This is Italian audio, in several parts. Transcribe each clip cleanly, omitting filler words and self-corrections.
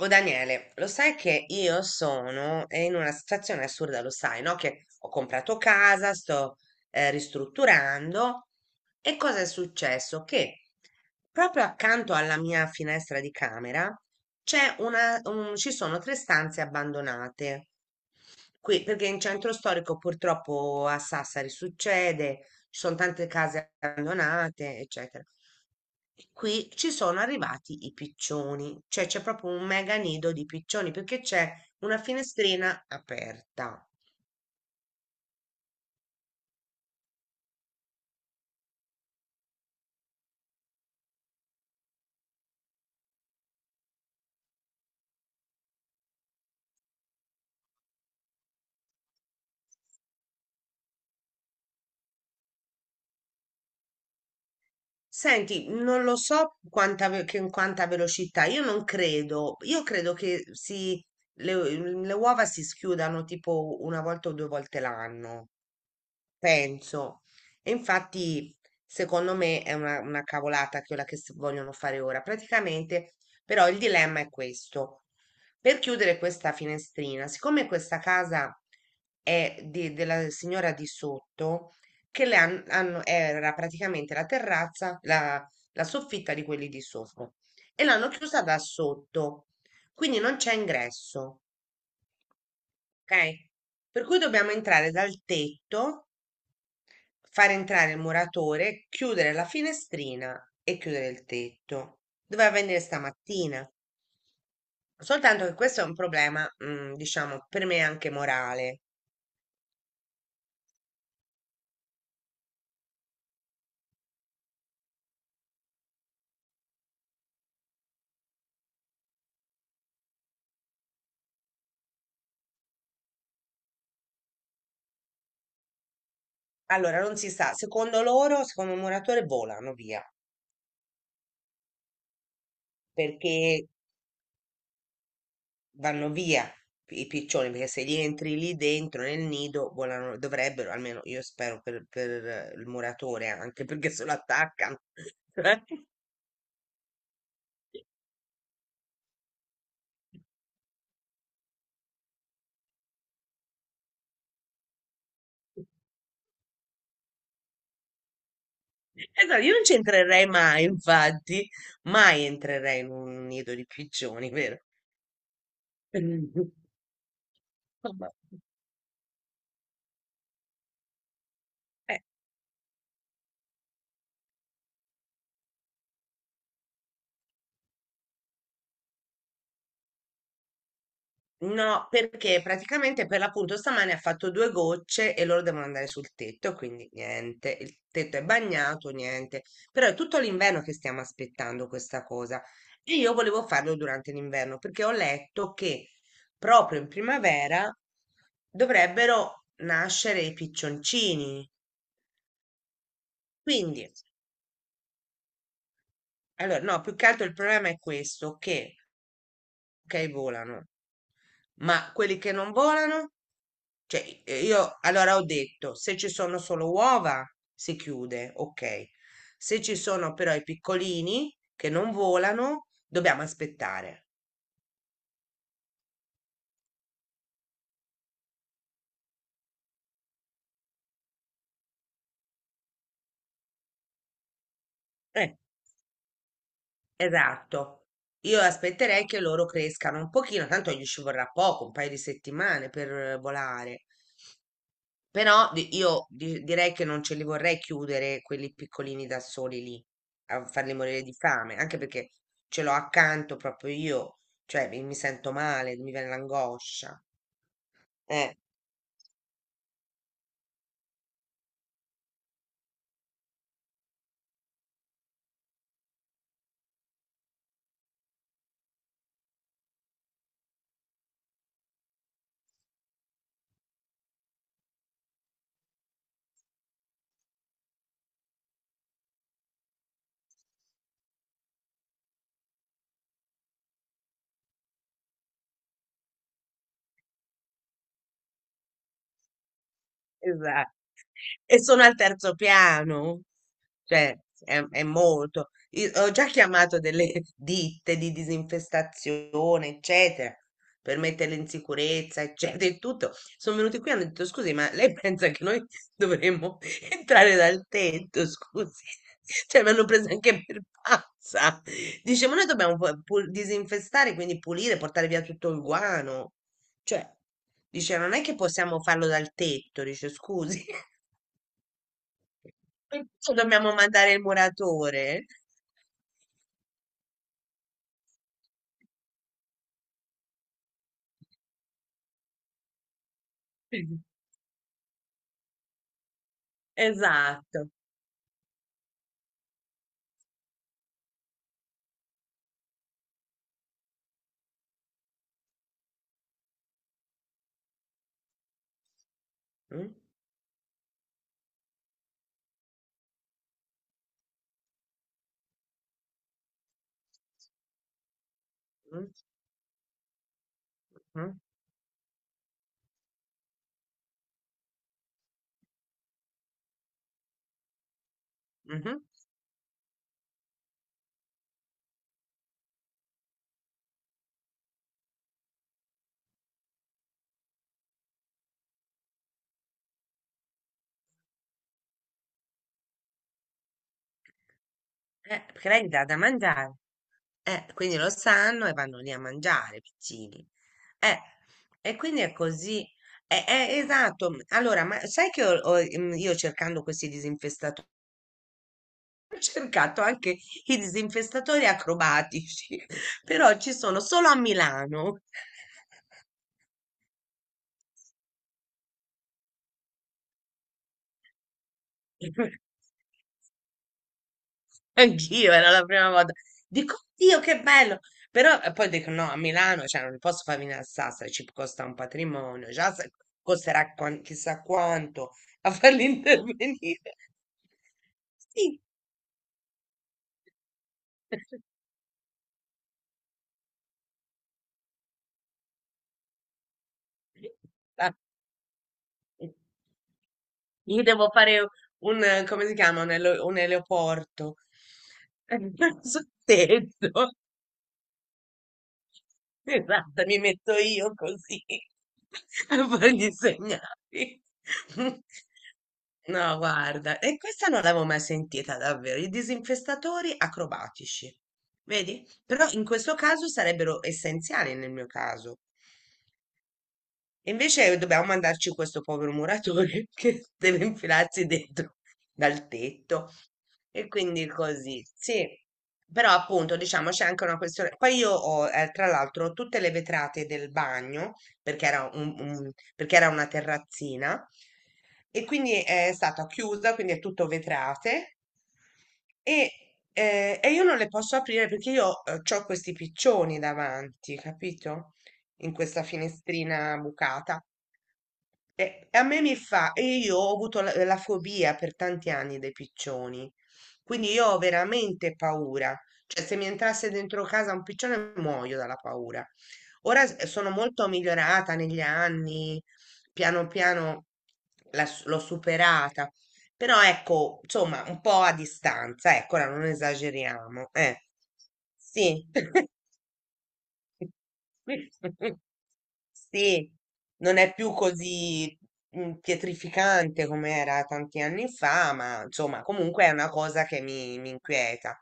Oh Daniele, lo sai che io sono in una situazione assurda, lo sai, no? Che ho comprato casa, sto ristrutturando e cosa è successo? Che proprio accanto alla mia finestra di camera c'è ci sono tre stanze abbandonate. Qui, perché in centro storico purtroppo a Sassari succede, ci sono tante case abbandonate, eccetera. E qui ci sono arrivati i piccioni, cioè c'è proprio un mega nido di piccioni perché c'è una finestrina aperta. Senti, non lo so in quanta velocità, io non credo, io credo che si, le, le uova si schiudano tipo una volta o due volte l'anno. Penso. E infatti, secondo me, è una cavolata quella che vogliono fare ora. Praticamente, però, il dilemma è questo. Per chiudere questa finestrina, siccome questa casa della signora di sotto, che hanno, era praticamente la terrazza, la soffitta di quelli di sopra, e l'hanno chiusa da sotto, quindi non c'è ingresso, ok? Per cui dobbiamo entrare dal tetto, far entrare il muratore, chiudere la finestrina e chiudere il tetto. Doveva venire stamattina. Soltanto che questo è un problema, mm, diciamo, per me anche morale. Allora, non si sa, secondo loro, secondo il muratore, volano via, perché vanno via i piccioni, perché se gli entri lì dentro nel nido, volano, dovrebbero, almeno io spero per, per il muratore, anche perché se lo attaccano. Esatto, io non ci entrerei mai, infatti, mai entrerei in un nido di piccioni, vero? Insomma, eh, no, perché praticamente per l'appunto stamane ha fatto due gocce e loro devono andare sul tetto, quindi niente, il tetto è bagnato, niente. Però è tutto l'inverno che stiamo aspettando questa cosa e io volevo farlo durante l'inverno perché ho letto che proprio in primavera dovrebbero nascere i piccioncini. Quindi allora, no, più che altro il problema è questo, che, ok, volano, ma quelli che non volano, cioè io allora ho detto, se ci sono solo uova si chiude, ok. Se ci sono però i piccolini che non volano, dobbiamo aspettare. Eh, esatto. Io aspetterei che loro crescano un pochino, tanto gli ci vorrà poco, un paio di settimane per volare. Però io direi che non ce li vorrei chiudere quelli piccolini da soli lì a farli morire di fame, anche perché ce l'ho accanto proprio io, cioè mi sento male, mi viene l'angoscia. Eh, esatto. E sono al terzo piano. Cioè, è molto. Io ho già chiamato delle ditte di disinfestazione, eccetera, per metterle in sicurezza, eccetera, e tutto. Sono venuti qui e hanno detto, scusi, ma lei pensa che noi dovremmo entrare dal tetto, scusi? Cioè, mi hanno preso anche per pazza. Dice, ma noi dobbiamo disinfestare, quindi pulire, portare via tutto il guano. Cioè, dice, non è che possiamo farlo dal tetto, dice, scusi. Perciò dobbiamo mandare il muratore. Sì. Esatto. Mm, mm, mm, mhm. Perché lei gli dà da mangiare. Quindi lo sanno e vanno lì a mangiare, i piccini. Eh, e quindi è così. Esatto. Allora, ma sai che io cercando questi disinfestatori, ho cercato anche i disinfestatori acrobatici, però ci sono solo a Milano. Anch'io, era la prima volta. Dico, Dio, che bello! Però poi dico, no, a Milano, cioè, non posso far venire a Sassari, ci costa un patrimonio, già se- costerà chissà quanto a farli intervenire. Sì. Ah, gli devo fare un, come si chiama, un un eleoporto. Sul tetto. Esatto, mi metto io così a fargli i segnali. No, guarda, e questa non l'avevo mai sentita davvero, i disinfestatori acrobatici, vedi? Però in questo caso sarebbero essenziali nel mio caso, e invece dobbiamo mandarci questo povero muratore che deve infilarsi dentro dal tetto. E quindi così, sì. Però appunto, diciamo, c'è anche una questione. Poi io ho, tra l'altro, tutte le vetrate del bagno, perché era perché era una terrazzina, e quindi è stata chiusa, quindi è tutto vetrate. E, e io non le posso aprire perché io ho questi piccioni davanti, capito? In questa finestrina bucata. E a me mi fa, e io ho avuto la fobia per tanti anni dei piccioni, quindi io ho veramente paura. Cioè, se mi entrasse dentro casa un piccione, muoio dalla paura. Ora sono molto migliorata negli anni, piano piano l'ho superata, però ecco, insomma, un po' a distanza, ecco, ora non esageriamo, eh. Sì. Sì, non è più così mm, pietrificante come era tanti anni fa, ma insomma, comunque è una cosa che mi inquieta.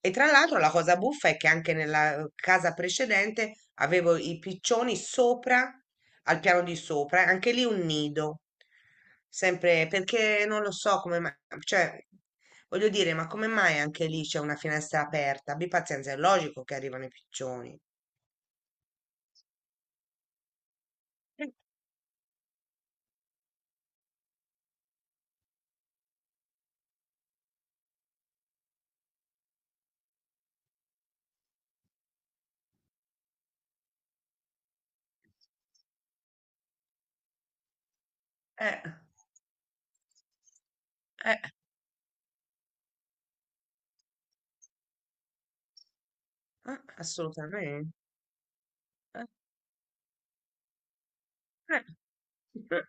E tra l'altro la cosa buffa è che anche nella casa precedente avevo i piccioni sopra, al piano di sopra, e anche lì un nido. Sempre perché non lo so come mai, cioè, voglio dire, ma come mai anche lì c'è una finestra aperta? Abbi pazienza, è logico che arrivano i piccioni. Eh, eh, eh, assolutamente. Eh, eh, eh.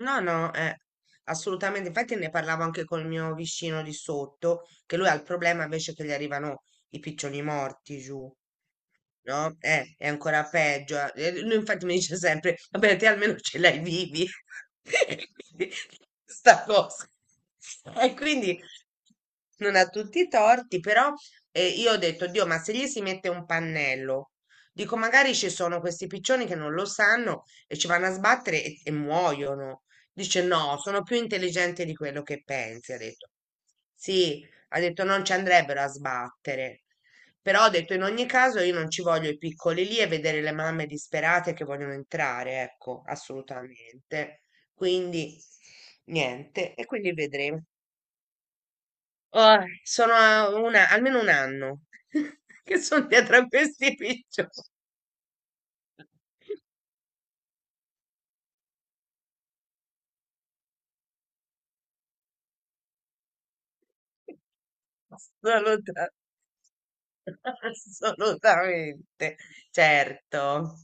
No, no, assolutamente. Infatti ne parlavo anche col mio vicino di sotto, che lui ha il problema invece che gli arrivano i piccioni morti giù. No? È ancora peggio. Lui infatti mi dice sempre, vabbè, te almeno ce l'hai vivi. Sta cosa. E quindi non ha tutti i torti, però io ho detto, Dio, ma se gli si mette un pannello, dico, magari ci sono questi piccioni che non lo sanno e ci vanno a sbattere e muoiono. Dice, no, sono più intelligenti di quello che pensi, ha detto. Sì, ha detto, non ci andrebbero a sbattere. Però ho detto in ogni caso io non ci voglio i piccoli lì e vedere le mamme disperate che vogliono entrare, ecco, assolutamente. Quindi niente, e quindi vedremo. Oh, sono a almeno un anno che sono dietro a questi piccioni. Assolutamente. Assolutamente, certo.